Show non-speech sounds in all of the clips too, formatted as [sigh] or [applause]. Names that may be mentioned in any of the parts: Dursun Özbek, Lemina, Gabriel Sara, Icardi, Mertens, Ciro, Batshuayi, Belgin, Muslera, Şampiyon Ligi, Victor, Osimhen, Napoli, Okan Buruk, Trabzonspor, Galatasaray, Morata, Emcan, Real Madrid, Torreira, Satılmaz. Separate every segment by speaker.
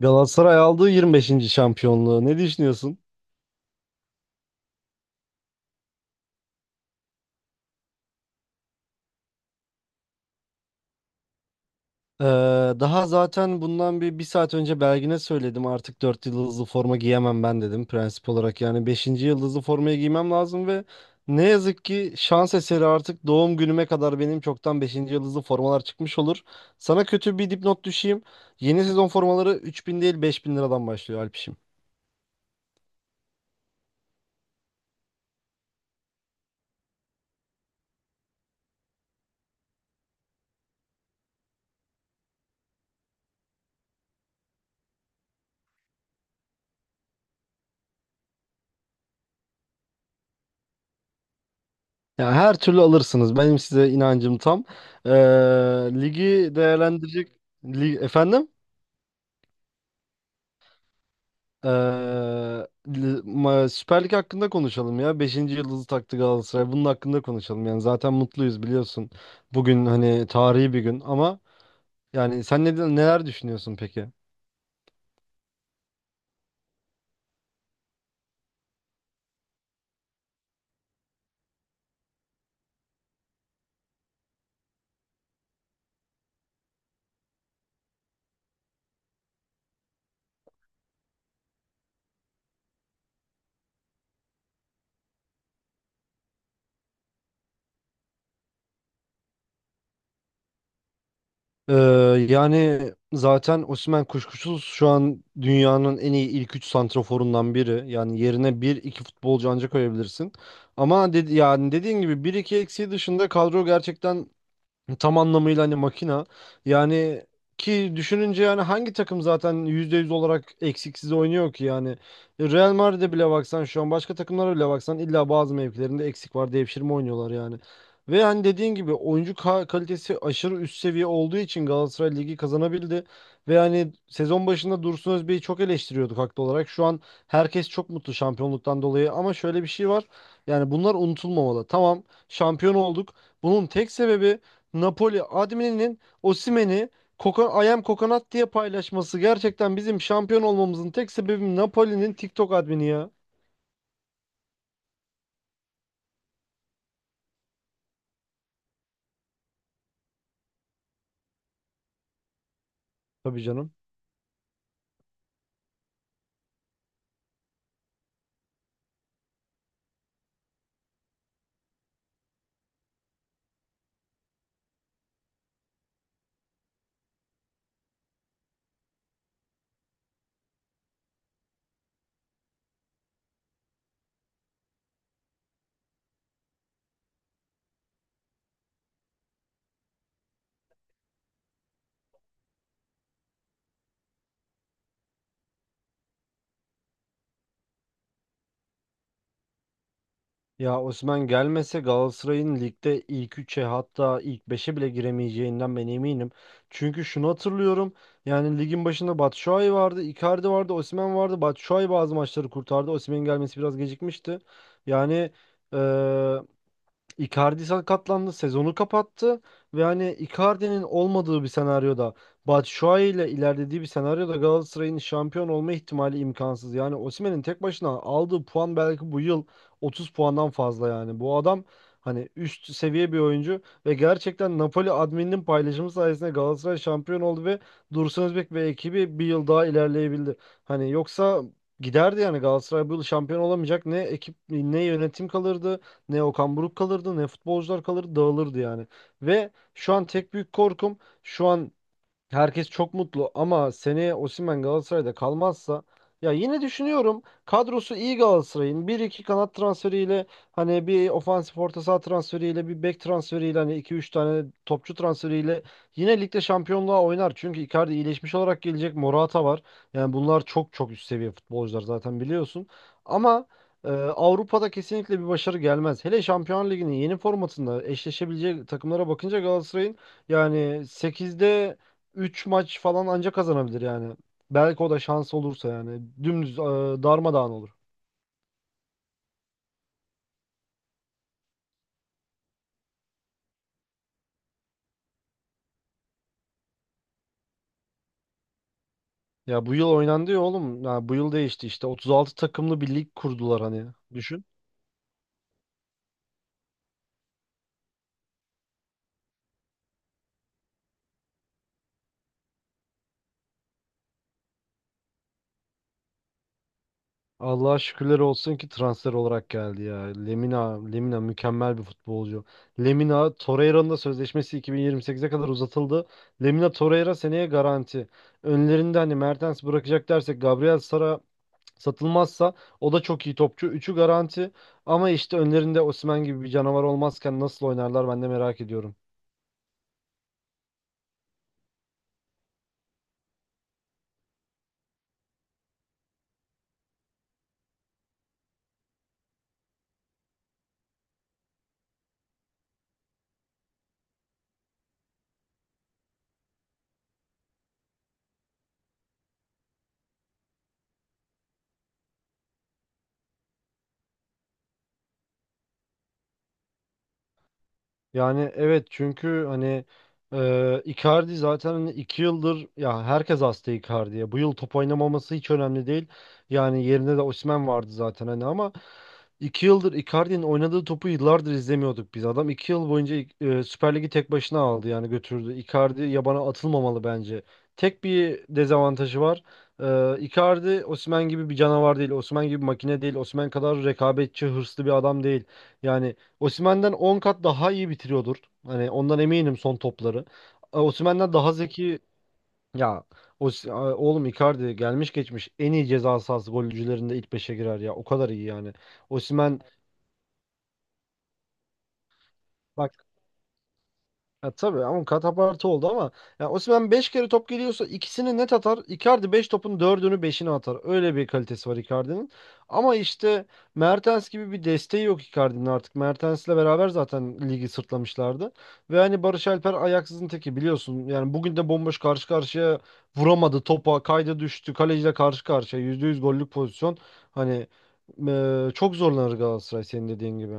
Speaker 1: Galatasaray aldığı 25. şampiyonluğu. Ne düşünüyorsun? Ee, daha zaten bundan bir saat önce Belgin'e söyledim. Artık 4 yıldızlı forma giyemem ben dedim prensip olarak. Yani beşinci yıldızlı formayı giymem lazım ve ne yazık ki şans eseri artık doğum günüme kadar benim çoktan beşinci yıldızlı formalar çıkmış olur. Sana kötü bir dipnot düşeyim. Yeni sezon formaları 3000 değil 5000 liradan başlıyor Alpişim. Yani her türlü alırsınız. Benim size inancım tam. Ee, ligi değerlendirecek... Lig... Efendim? Ee, Süper Lig hakkında konuşalım ya. Beşinci yıldızı taktı Galatasaray. Bunun hakkında konuşalım. Yani zaten mutluyuz biliyorsun. Bugün hani tarihi bir gün ama yani sen neler düşünüyorsun peki? Ee, yani zaten Osimhen kuşkusuz şu an dünyanın en iyi ilk 3 santraforundan biri. Yani yerine bir iki futbolcu ancak koyabilirsin. Ama dedi, yani dediğin gibi bir iki eksiği dışında kadro gerçekten tam anlamıyla hani makina. Yani ki düşününce yani hangi takım zaten %100 olarak eksiksiz oynuyor ki yani. Real Madrid'e bile baksan şu an başka takımlara bile baksan illa bazı mevkilerinde eksik var devşirme oynuyorlar yani. Ve hani dediğin gibi oyuncu kalitesi aşırı üst seviye olduğu için Galatasaray Ligi kazanabildi. Ve hani sezon başında Dursun Özbek'i çok eleştiriyorduk haklı olarak. Şu an herkes çok mutlu şampiyonluktan dolayı ama şöyle bir şey var. Yani bunlar unutulmamalı. Tamam şampiyon olduk. Bunun tek sebebi Napoli admininin Osimhen'i Koka, Ayam Kokonat diye paylaşması gerçekten bizim şampiyon olmamızın tek sebebi Napoli'nin TikTok admini ya. Tabii canım. Ya Osimhen gelmese Galatasaray'ın ligde ilk üçe hatta ilk beşe bile giremeyeceğinden ben eminim. Çünkü şunu hatırlıyorum. Yani ligin başında Batshuayi vardı, Icardi vardı, Osimhen vardı. Batshuayi bazı maçları kurtardı. Osimhen'in gelmesi biraz gecikmişti. Yani eee, Icardi sakatlandı, sezonu kapattı ve hani Icardi'nin olmadığı bir senaryoda Batshuayi ile ilerlediği bir senaryoda Galatasaray'ın şampiyon olma ihtimali imkansız. Yani Osimhen'in tek başına aldığı puan belki bu yıl 30 puandan fazla yani. Bu adam hani üst seviye bir oyuncu ve gerçekten Napoli admininin paylaşımı sayesinde Galatasaray şampiyon oldu ve Dursun Özbek ve ekibi bir yıl daha ilerleyebildi. Hani yoksa giderdi yani Galatasaray bu yıl şampiyon olamayacak. Ne ekip ne yönetim kalırdı. Ne Okan Buruk kalırdı ne futbolcular kalırdı dağılırdı yani. Ve şu an tek büyük korkum şu an herkes çok mutlu ama seneye Osimhen Galatasaray'da kalmazsa ya yine düşünüyorum kadrosu iyi Galatasaray'ın bir iki kanat transferiyle hani bir ofansif orta saha transferiyle bir bek transferiyle hani iki üç tane topçu transferiyle yine ligde şampiyonluğa oynar. Çünkü Icardi iyileşmiş olarak gelecek Morata var. Yani bunlar çok çok üst seviye futbolcular zaten biliyorsun. Ama Avrupa'da kesinlikle bir başarı gelmez. Hele Şampiyon Ligi'nin yeni formatında eşleşebileceği takımlara bakınca Galatasaray'ın yani sekizde 3 maç falan ancak kazanabilir yani. Belki o da şans olursa yani. Dümdüz darmadağın olur. Ya bu yıl oynandı ya oğlum. Ya bu yıl değişti işte. 36 takımlı bir lig kurdular hani. Düşün. Allah'a şükürler olsun ki transfer olarak geldi ya. Lemina, Lemina mükemmel bir futbolcu. Lemina Torreira'nın da sözleşmesi 2028'e kadar uzatıldı. Lemina Torreira seneye garanti. Önlerinde hani Mertens bırakacak dersek Gabriel Sara satılmazsa o da çok iyi topçu. Üçü garanti ama işte önlerinde Osimhen gibi bir canavar olmazken nasıl oynarlar ben de merak ediyorum. Yani evet çünkü hani Icardi zaten hani 2 yıldır ya herkes hasta Icardi'ye. Bu yıl top oynamaması hiç önemli değil. Yani yerine de Osimhen vardı zaten hani ama 2 yıldır Icardi'nin oynadığı topu yıllardır izlemiyorduk biz. Adam 2 yıl boyunca Süper Lig'i tek başına aldı yani götürdü. Icardi yabana atılmamalı bence. Tek bir dezavantajı var. Icardi Osimhen gibi bir canavar değil. Osimhen gibi bir makine değil. Osimhen kadar rekabetçi, hırslı bir adam değil. Yani Osimhen'den 10 kat daha iyi bitiriyordur. Hani ondan eminim son topları. Osimhen'den daha zeki ya oğlum Icardi gelmiş geçmiş en iyi ceza sahası golcülerinde ilk beşe girer ya. O kadar iyi yani. Osimhen ya tabii ama katapartı oldu ama ya Osimhen 5 kere top geliyorsa ikisini net atar. Icardi 5 topun dördünü beşini atar. Öyle bir kalitesi var Icardi'nin. Ama işte Mertens gibi bir desteği yok Icardi'nin artık. Mertens'le beraber zaten ligi sırtlamışlardı. Ve hani Barış Alper ayaksızın teki biliyorsun. Yani bugün de bomboş karşı karşıya vuramadı topa. Kayda düştü. Kaleciyle karşı karşıya. %100 gollük pozisyon. Hani çok zorlanır Galatasaray senin dediğin gibi.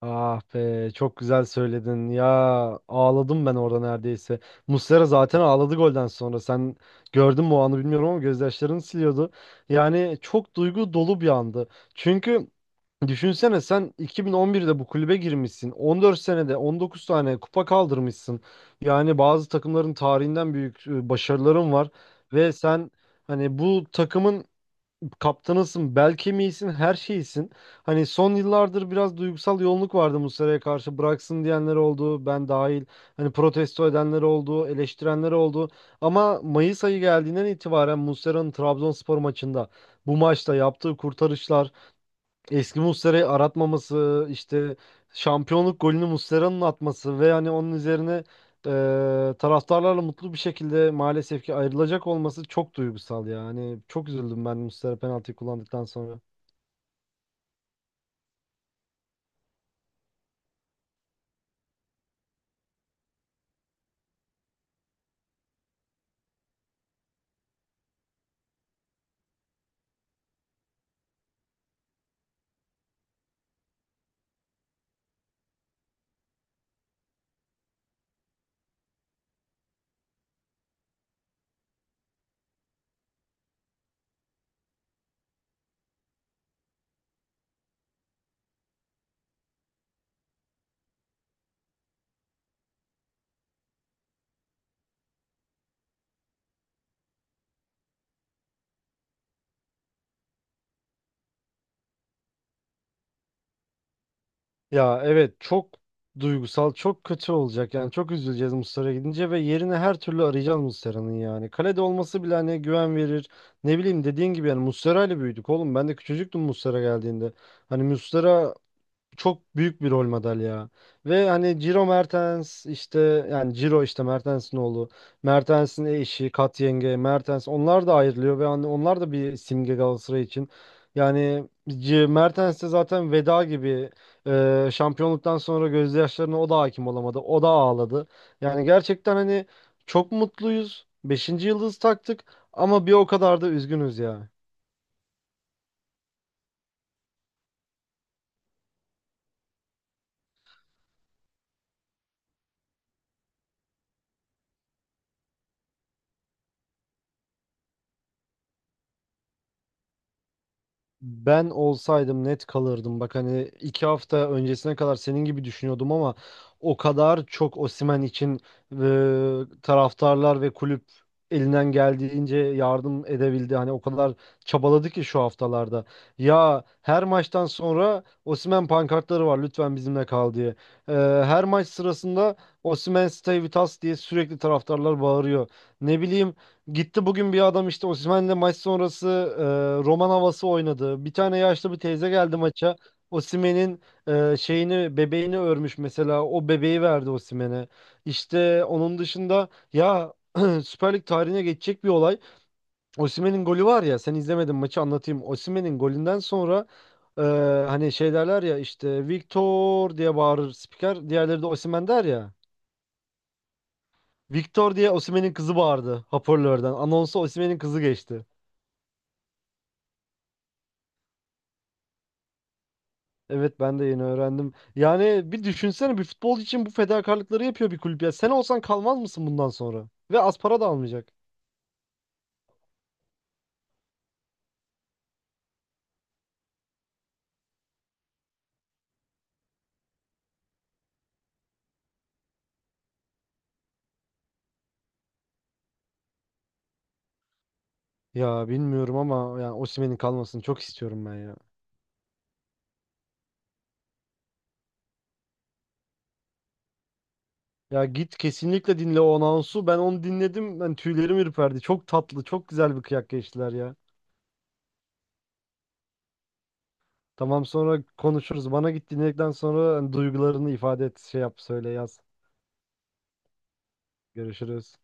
Speaker 1: Ah be çok güzel söyledin ya ağladım ben orada neredeyse. Muslera zaten ağladı golden sonra sen gördün mü o anı bilmiyorum ama gözyaşlarını siliyordu. Yani çok duygu dolu bir andı. Çünkü düşünsene sen 2011'de bu kulübe girmişsin 14 senede 19 tane kupa kaldırmışsın. Yani bazı takımların tarihinden büyük başarıların var ve sen hani bu takımın kaptanısın, bel kemiğisin, her şeysin. Hani son yıllardır biraz duygusal yoğunluk vardı Muslera'ya karşı. Bıraksın diyenler oldu, ben dahil. Hani protesto edenler oldu, eleştirenler oldu. Ama Mayıs ayı geldiğinden itibaren Muslera'nın Trabzonspor maçında bu maçta yaptığı kurtarışlar eski Muslera'yı aratmaması, işte şampiyonluk golünü Muslera'nın atması ve yani onun üzerine taraftarlarla mutlu bir şekilde maalesef ki ayrılacak olması çok duygusal ya. Hani çok üzüldüm ben Muslera penaltıyı kullandıktan sonra. Ya evet çok duygusal, çok kötü olacak. Yani çok üzüleceğiz Muslera gidince ve yerine her türlü arayacağız Muslera'nın yani. Kalede olması bile hani güven verir. Ne bileyim dediğin gibi yani Muslera ile büyüdük oğlum. Ben de küçücüktüm Muslera geldiğinde. Hani Muslera çok büyük bir rol model ya. Ve hani Ciro Mertens işte yani Ciro işte Mertens'in oğlu, Mertens'in eşi, Kat yenge, Mertens onlar da ayrılıyor ve hani onlar da bir simge Galatasaray için. Yani Mertens de zaten veda gibi şampiyonluktan sonra gözyaşlarına o da hakim olamadı. O da ağladı. Yani gerçekten hani çok mutluyuz. Beşinci yıldız taktık ama bir o kadar da üzgünüz ya. Ben olsaydım net kalırdım. Bak hani 2 hafta öncesine kadar senin gibi düşünüyordum ama o kadar çok Osimhen için taraftarlar ve kulüp elinden geldiğince yardım edebildi. Hani o kadar çabaladı ki şu haftalarda. Ya her maçtan sonra Osimhen pankartları var lütfen bizimle kal diye. E, her maç sırasında Osimhen Stay With Us diye sürekli taraftarlar bağırıyor. Ne bileyim gitti bugün bir adam işte Osimhen'le maç sonrası roman havası oynadı. Bir tane yaşlı bir teyze geldi maça. Osimhen'in şeyini bebeğini örmüş mesela. O bebeği verdi Osimhen'e. İşte onun dışında ya [clears throat] Süper Lig tarihine geçecek bir olay. Osimhen'in golü var ya sen izlemedin maçı anlatayım. Osimhen'in golünden sonra e, hani şey derler ya işte Victor diye bağırır spiker. Diğerleri de Osimhen der ya. Victor diye Osimhen'in kızı bağırdı hoparlörden. Anonsa Osimhen'in kızı geçti. Evet ben de yeni öğrendim. Yani bir düşünsene bir futbol için bu fedakarlıkları yapıyor bir kulüp ya. Sen olsan kalmaz mısın bundan sonra? Ve az para da almayacak. Ya bilmiyorum ama yani Osimhen'in kalmasını çok istiyorum ben ya. Ya git kesinlikle dinle o anonsu. Ben onu dinledim. Ben tüylerim ürperdi. Çok tatlı, çok güzel bir kıyak geçtiler ya. Tamam sonra konuşuruz. Bana git dinledikten sonra hani duygularını ifade et, şey yap, söyle, yaz. Görüşürüz.